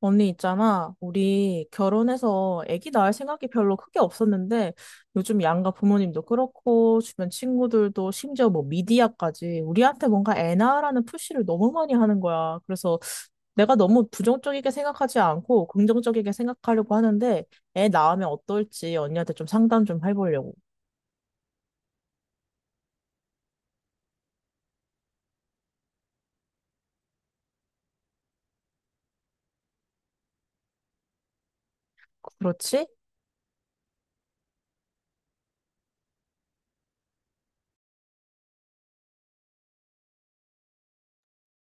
언니 있잖아. 우리 결혼해서 아기 낳을 생각이 별로 크게 없었는데 요즘 양가 부모님도 그렇고 주변 친구들도 심지어 뭐 미디어까지 우리한테 뭔가 애 낳으라는 푸시를 너무 많이 하는 거야. 그래서 내가 너무 부정적이게 생각하지 않고 긍정적이게 생각하려고 하는데 애 낳으면 어떨지 언니한테 좀 상담 좀 해보려고. 그렇지?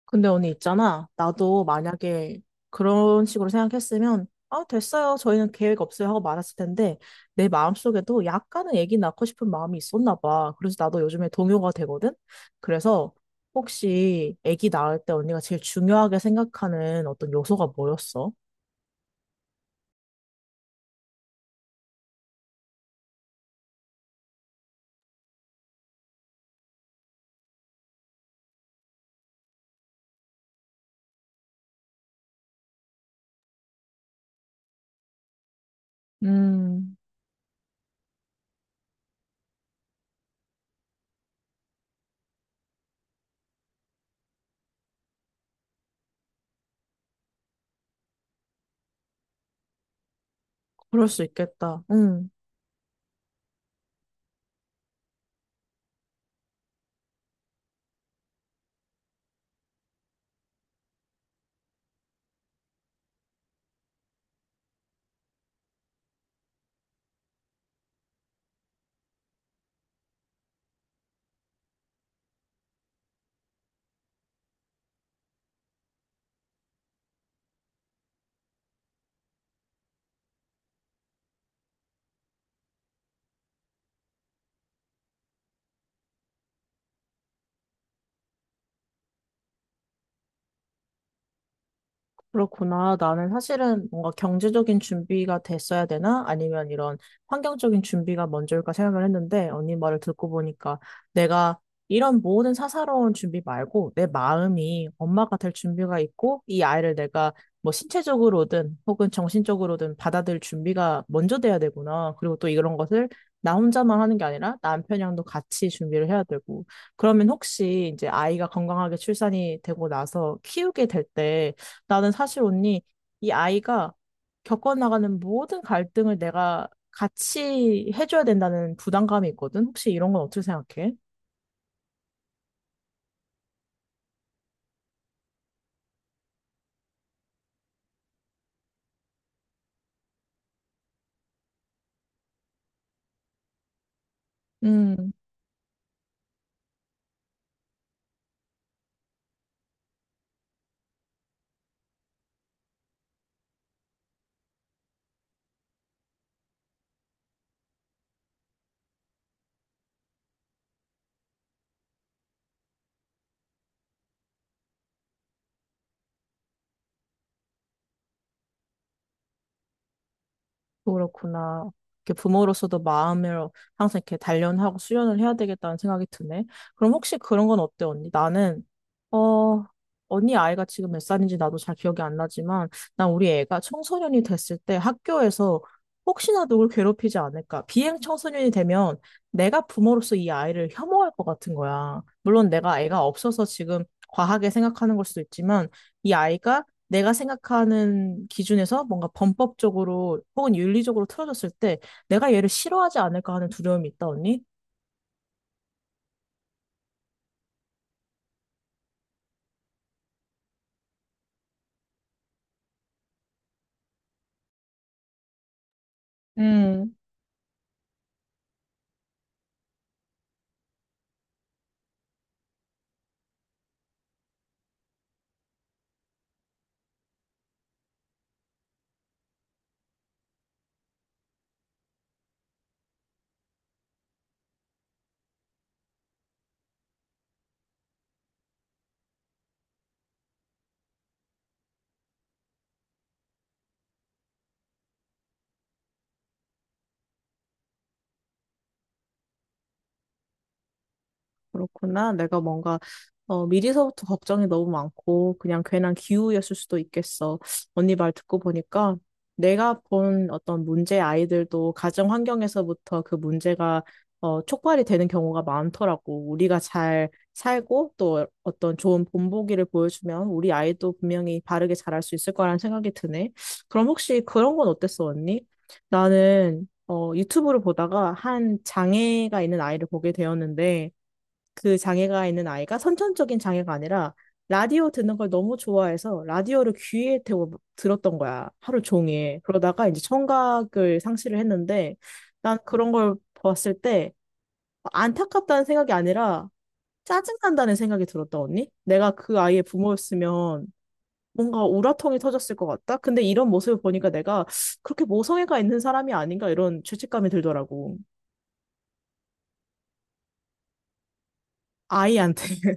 근데 언니 있잖아. 나도 만약에 그런 식으로 생각했으면, 아, 됐어요. 저희는 계획 없어요. 하고 말았을 텐데, 내 마음속에도 약간은 애기 낳고 싶은 마음이 있었나 봐. 그래서 나도 요즘에 동요가 되거든? 그래서 혹시 애기 낳을 때 언니가 제일 중요하게 생각하는 어떤 요소가 뭐였어? 음, 그럴 수 있겠다. 그렇구나. 나는 사실은 뭔가 경제적인 준비가 됐어야 되나? 아니면 이런 환경적인 준비가 먼저일까 생각을 했는데, 언니 말을 듣고 보니까 내가 이런 모든 사사로운 준비 말고 내 마음이 엄마가 될 준비가 있고, 이 아이를 내가 뭐 신체적으로든 혹은 정신적으로든 받아들일 준비가 먼저 돼야 되구나. 그리고 또 이런 것을 나 혼자만 하는 게 아니라 남편이랑도 같이 준비를 해야 되고. 그러면 혹시 이제 아이가 건강하게 출산이 되고 나서 키우게 될때 나는 사실 언니, 이 아이가 겪어나가는 모든 갈등을 내가 같이 해줘야 된다는 부담감이 있거든? 혹시 이런 건 어떻게 생각해? 음. 그렇구나. 이렇게 부모로서도 마음을 항상 이렇게 단련하고 수련을 해야 되겠다는 생각이 드네. 그럼 혹시 그런 건 어때, 언니? 나는, 어, 언니 아이가 지금 몇 살인지 나도 잘 기억이 안 나지만, 난 우리 애가 청소년이 됐을 때 학교에서 혹시나 누굴 괴롭히지 않을까. 비행 청소년이 되면 내가 부모로서 이 아이를 혐오할 것 같은 거야. 물론 내가 애가 없어서 지금 과하게 생각하는 걸 수도 있지만, 이 아이가 내가 생각하는 기준에서 뭔가 범법적으로 혹은 윤리적으로 틀어졌을 때 내가 얘를 싫어하지 않을까 하는 두려움이 있다, 언니? 그렇구나. 내가 뭔가 미리서부터 걱정이 너무 많고 그냥 괜한 기우였을 수도 있겠어. 언니 말 듣고 보니까 내가 본 어떤 문제 아이들도 가정 환경에서부터 그 문제가 촉발이 되는 경우가 많더라고. 우리가 잘 살고 또 어떤 좋은 본보기를 보여주면 우리 아이도 분명히 바르게 자랄 수 있을 거라는 생각이 드네. 그럼 혹시 그런 건 어땠어, 언니? 나는 유튜브를 보다가 한 장애가 있는 아이를 보게 되었는데 그 장애가 있는 아이가 선천적인 장애가 아니라 라디오 듣는 걸 너무 좋아해서 라디오를 귀에 대고 들었던 거야. 하루 종일. 그러다가 이제 청각을 상실을 했는데 난 그런 걸 봤을 때 안타깝다는 생각이 아니라 짜증난다는 생각이 들었다, 언니? 내가 그 아이의 부모였으면 뭔가 우라통이 터졌을 것 같다? 근데 이런 모습을 보니까 내가 그렇게 모성애가 있는 사람이 아닌가 이런 죄책감이 들더라고. 아이한테.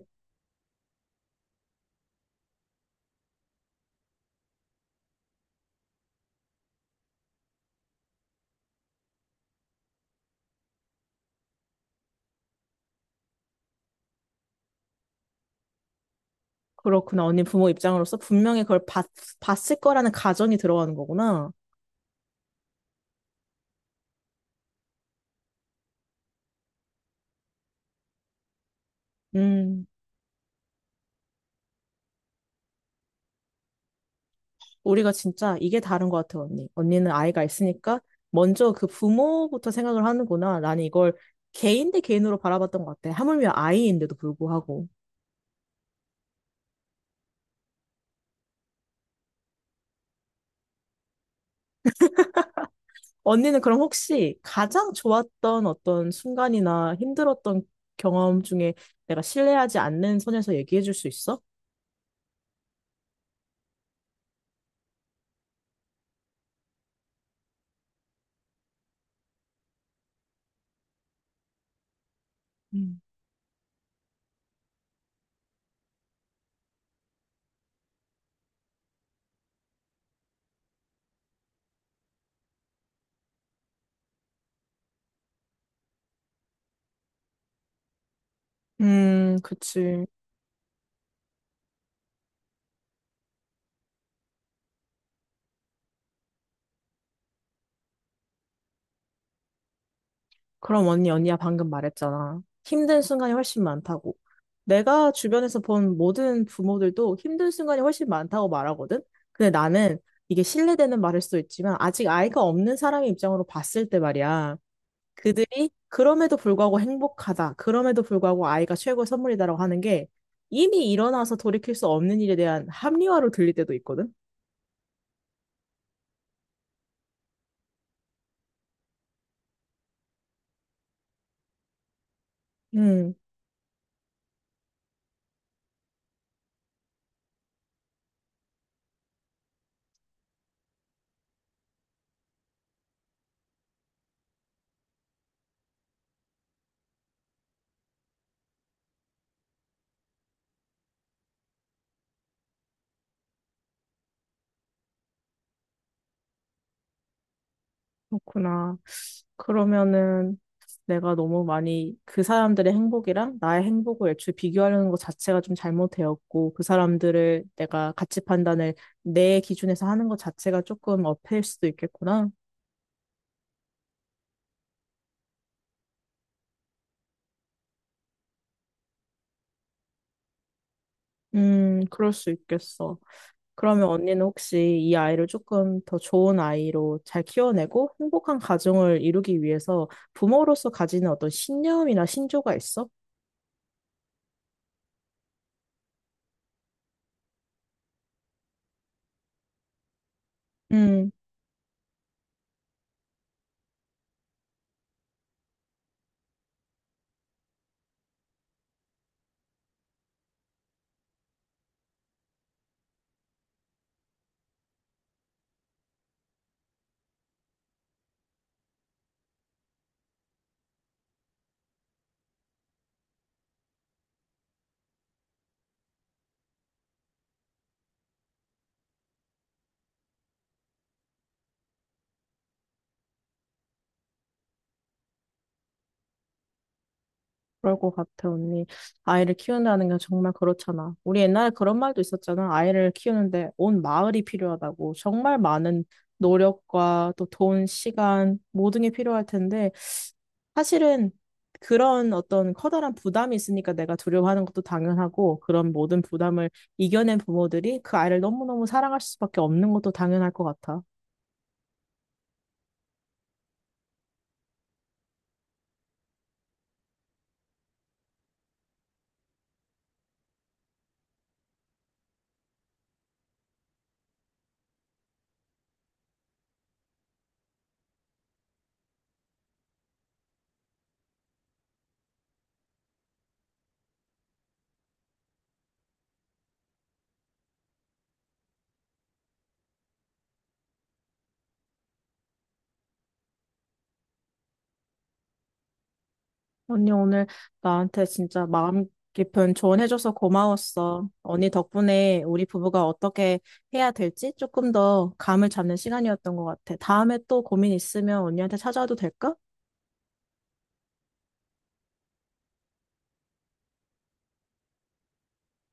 그렇구나. 언니 부모 입장으로서 분명히 봤을 거라는 가정이 들어가는 거구나. 음, 우리가 진짜 이게 다른 것 같아, 언니. 언니는 아이가 있으니까 먼저 그 부모부터 생각을 하는구나. 나는 이걸 개인 대 개인으로 바라봤던 것 같아. 하물며 아이인데도 불구하고. 언니는 그럼 혹시 가장 좋았던 어떤 순간이나 힘들었던 경험 중에 내가 신뢰하지 않는 선에서 얘기해 줄 수 있어? 음. 그치. 그럼 언니, 언니야 방금 말했잖아. 힘든 순간이 훨씬 많다고. 내가 주변에서 본 모든 부모들도 힘든 순간이 훨씬 많다고 말하거든? 근데 나는 이게 신뢰되는 말일 수도 있지만 아직 아이가 없는 사람의 입장으로 봤을 때 말이야. 그들이 그럼에도 불구하고 행복하다. 그럼에도 불구하고 아이가 최고의 선물이다라고 하는 게 이미 일어나서 돌이킬 수 없는 일에 대한 합리화로 들릴 때도 있거든? 음, 그렇구나. 그러면은 내가 너무 많이 그 사람들의 행복이랑 나의 행복을 애초에 비교하려는 것 자체가 좀 잘못되었고 그 사람들을 내가 가치 판단을 내 기준에서 하는 것 자체가 조금 어폐일 수도 있겠구나. 그럴 수 있겠어. 그러면 언니는 혹시 이 아이를 조금 더 좋은 아이로 잘 키워내고 행복한 가정을 이루기 위해서 부모로서 가지는 어떤 신념이나 신조가 있어? 음 그럴 것 같아, 언니. 아이를 키운다는 게 정말 그렇잖아. 우리 옛날에 그런 말도 있었잖아. 아이를 키우는데 온 마을이 필요하다고. 정말 많은 노력과 또 돈, 시간, 모든 게 필요할 텐데, 사실은 그런 어떤 커다란 부담이 있으니까 내가 두려워하는 것도 당연하고, 그런 모든 부담을 이겨낸 부모들이 그 아이를 너무너무 사랑할 수밖에 없는 것도 당연할 것 같아. 언니 오늘 나한테 진짜 마음 깊은 조언해줘서 고마웠어. 언니 덕분에 우리 부부가 어떻게 해야 될지 조금 더 감을 잡는 시간이었던 것 같아. 다음에 또 고민 있으면 언니한테 찾아와도 될까?